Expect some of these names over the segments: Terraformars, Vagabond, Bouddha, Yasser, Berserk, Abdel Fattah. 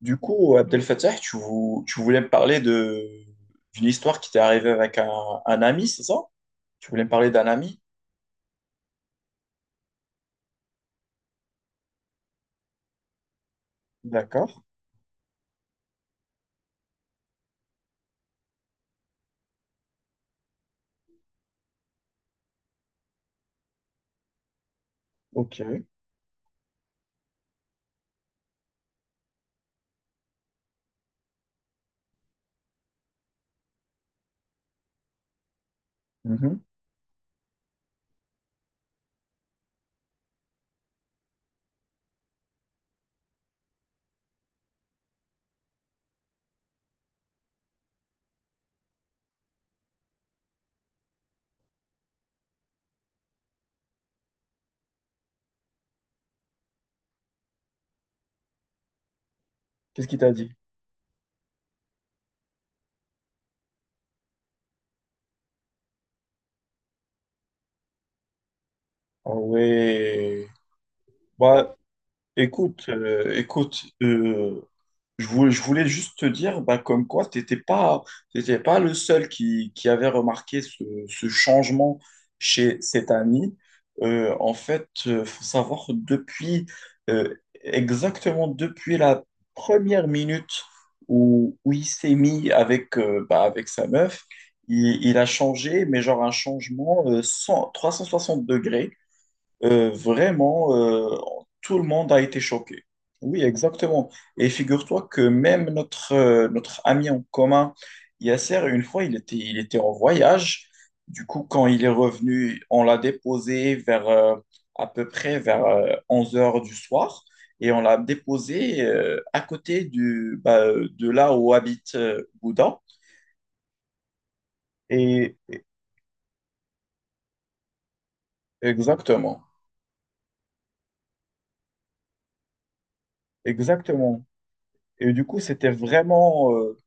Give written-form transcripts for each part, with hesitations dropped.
Du coup, Abdel Fattah, tu voulais me parler de d'une histoire qui t'est arrivée avec un ami, c'est ça? Tu voulais me parler d'un ami? D'accord, ok. Mhm. Qu'est-ce qu'il t'a dit? Ah ouais. Bah, écoute, je voulais juste te dire, bah, comme quoi, tu n'étais pas, t'étais pas le seul qui avait remarqué ce changement chez cet ami. En fait, il faut savoir, euh, exactement depuis la première minute où il s'est mis avec sa meuf, il a changé, mais genre un changement 100 360 degrés. Vraiment, tout le monde a été choqué. Oui, exactement. Et figure-toi que même notre ami en commun, Yasser, une fois, il était en voyage. Du coup, quand il est revenu, on l'a déposé vers à peu près vers 11 heures du soir et on l'a déposé à côté de là où habite Bouddha. Et et- exactement, exactement. Et du coup, c'était vraiment, euh,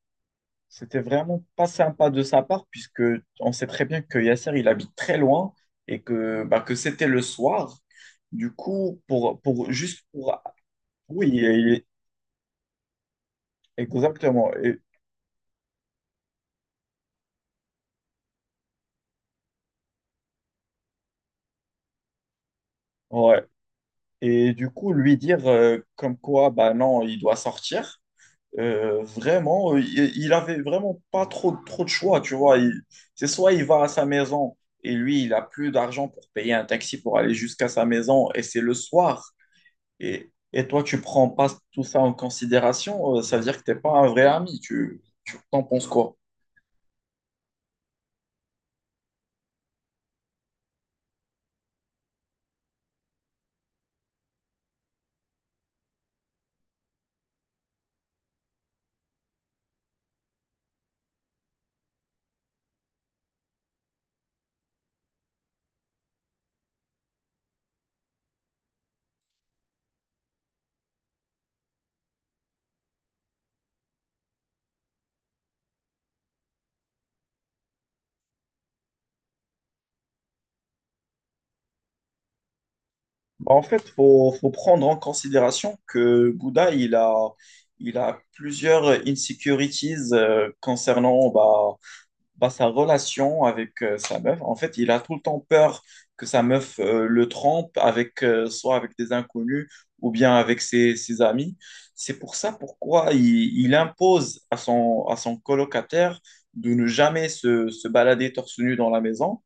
C'était vraiment pas sympa de sa part, puisque on sait très bien que Yasser, il habite très loin et que c'était le soir. Du coup, pour juste pour. Oui, il exactement. Et, ouais. Et du coup, lui dire comme quoi, bah non, il doit sortir. Vraiment, il avait vraiment pas trop de choix, tu vois. C'est soit il va à sa maison et lui, il a plus d'argent pour payer un taxi pour aller jusqu'à sa maison et c'est le soir. Et toi, tu prends pas tout ça en considération, ça veut dire que t'es pas un vrai ami. Tu t'en penses quoi? Bah, en fait, faut prendre en considération que Bouddha, il a plusieurs insecurities concernant bah, sa relation avec sa meuf, en fait, il a tout le temps peur que sa meuf le trompe avec soit avec des inconnus ou bien avec ses amis. C'est pour ça pourquoi il impose à son colocataire de ne jamais se balader torse nu dans la maison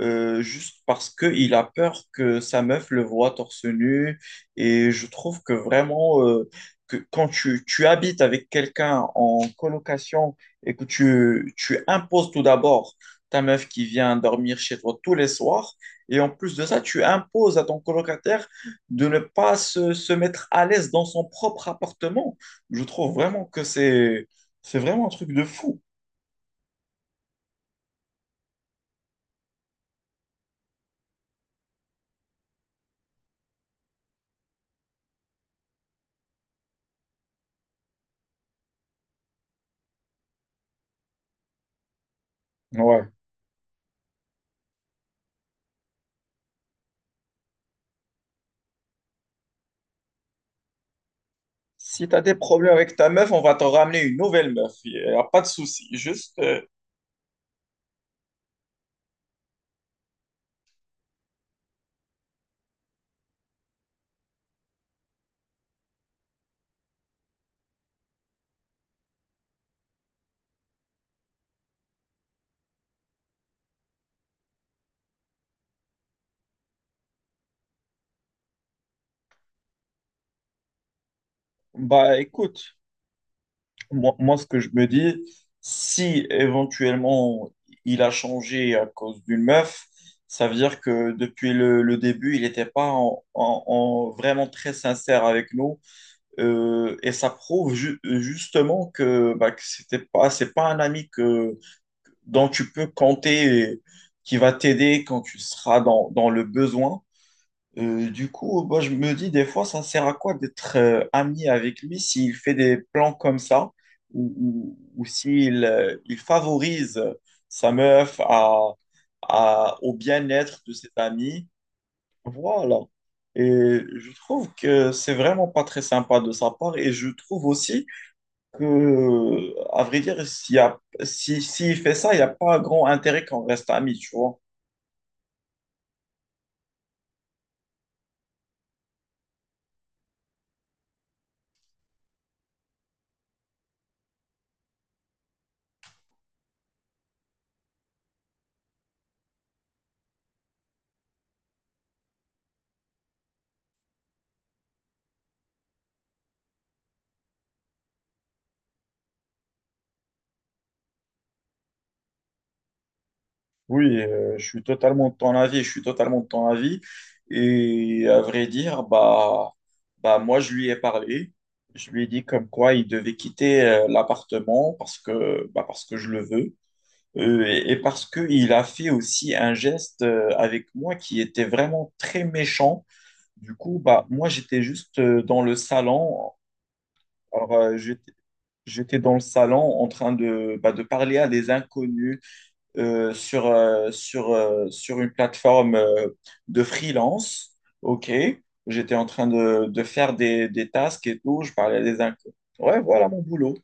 euh, juste parce qu'il a peur que sa meuf le voie torse nu. Et je trouve que vraiment, que quand tu habites avec quelqu'un en colocation et que tu imposes tout d'abord ta meuf qui vient dormir chez toi tous les soirs, et en plus de ça, tu imposes à ton colocataire de ne pas se mettre à l'aise dans son propre appartement. Je trouve vraiment que c'est vraiment un truc de fou. Ouais. Si t'as des problèmes avec ta meuf, on va t'en ramener une nouvelle meuf. Il n'y a pas de souci. Bah écoute, moi, ce que je me dis, si éventuellement il a changé à cause d'une meuf, ça veut dire que depuis le début, il n'était pas en vraiment très sincère avec nous. Et ça prouve justement que c'est pas un ami dont tu peux compter et qui va t'aider quand tu seras dans le besoin. Du coup, moi, je me dis des fois, ça sert à quoi d'être ami avec lui s'il fait des plans comme ça ou s'il il favorise sa meuf au bien-être de ses amis. Voilà. Et je trouve que c'est vraiment pas très sympa de sa part. Et je trouve aussi que, à vrai dire, s'il fait ça, il n'y a pas grand intérêt qu'on reste amis, tu vois. Oui, je suis totalement de ton avis, je suis totalement de ton avis. Et à vrai dire, bah, moi, je lui ai parlé. Je lui ai dit comme quoi il devait quitter l'appartement parce que je le veux. Et parce qu'il a fait aussi un geste avec moi qui était vraiment très méchant. Du coup, bah, moi, j'étais juste dans le salon. Alors, j'étais dans le salon en train de, bah, de parler à des inconnus sur une plateforme de freelance. OK. J'étais en train de, faire des tasks et tout. Je parlais à des inconnus. Ouais, voilà mon boulot.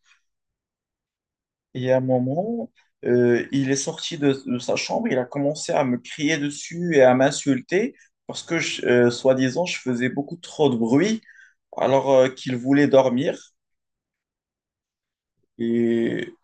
Et à un moment, il est sorti de sa chambre. Il a commencé à me crier dessus et à m'insulter parce que, soi-disant, je faisais beaucoup trop de bruit alors qu'il voulait dormir. Et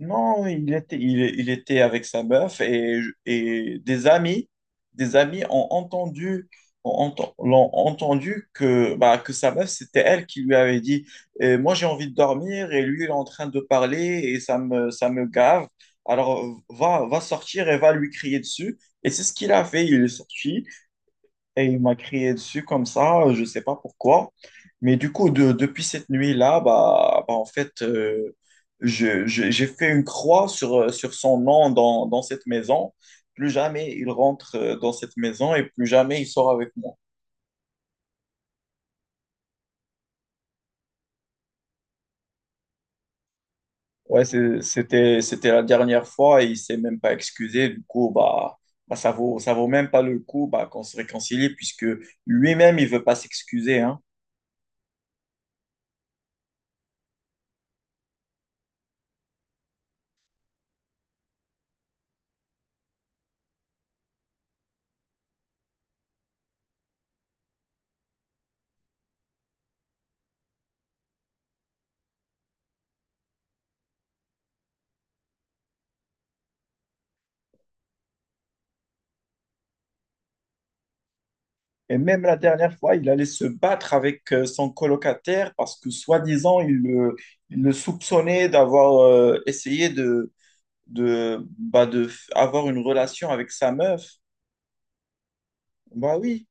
Non, il était avec sa meuf et, des amis ont entendu, l'ont entendu que, bah, que sa meuf, c'était elle qui lui avait dit, Moi, j'ai envie de dormir et lui il est en train de parler et ça me gave. Alors va sortir et va lui crier dessus. Et c'est ce qu'il a fait. Il est sorti et il m'a crié dessus comme ça, je ne sais pas pourquoi. Mais du coup, depuis cette nuit-là, bah, en fait, j'ai fait une croix sur, sur son nom dans cette maison. Plus jamais il rentre dans cette maison et plus jamais il sort avec moi. Ouais, c'était la dernière fois et il s'est même pas excusé. Du coup, bah, ça vaut même pas le coup bah, qu'on se réconcilie puisque lui-même, il veut pas s'excuser, hein. Et même la dernière fois, il allait se battre avec son colocataire parce que, soi-disant, il le soupçonnait d'avoir essayé de avoir une relation avec sa meuf. Bah oui.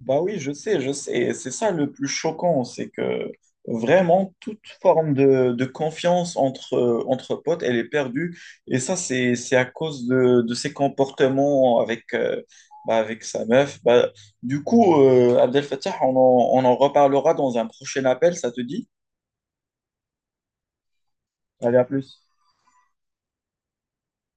Bah oui, je sais, je sais. Et c'est ça le plus choquant, c'est que vraiment toute forme de confiance entre potes, elle est perdue. Et ça, c'est à cause de ses comportements avec sa meuf. Bah, du coup, Abdel Fattah, on en reparlera dans un prochain appel, ça te dit? Allez, à plus.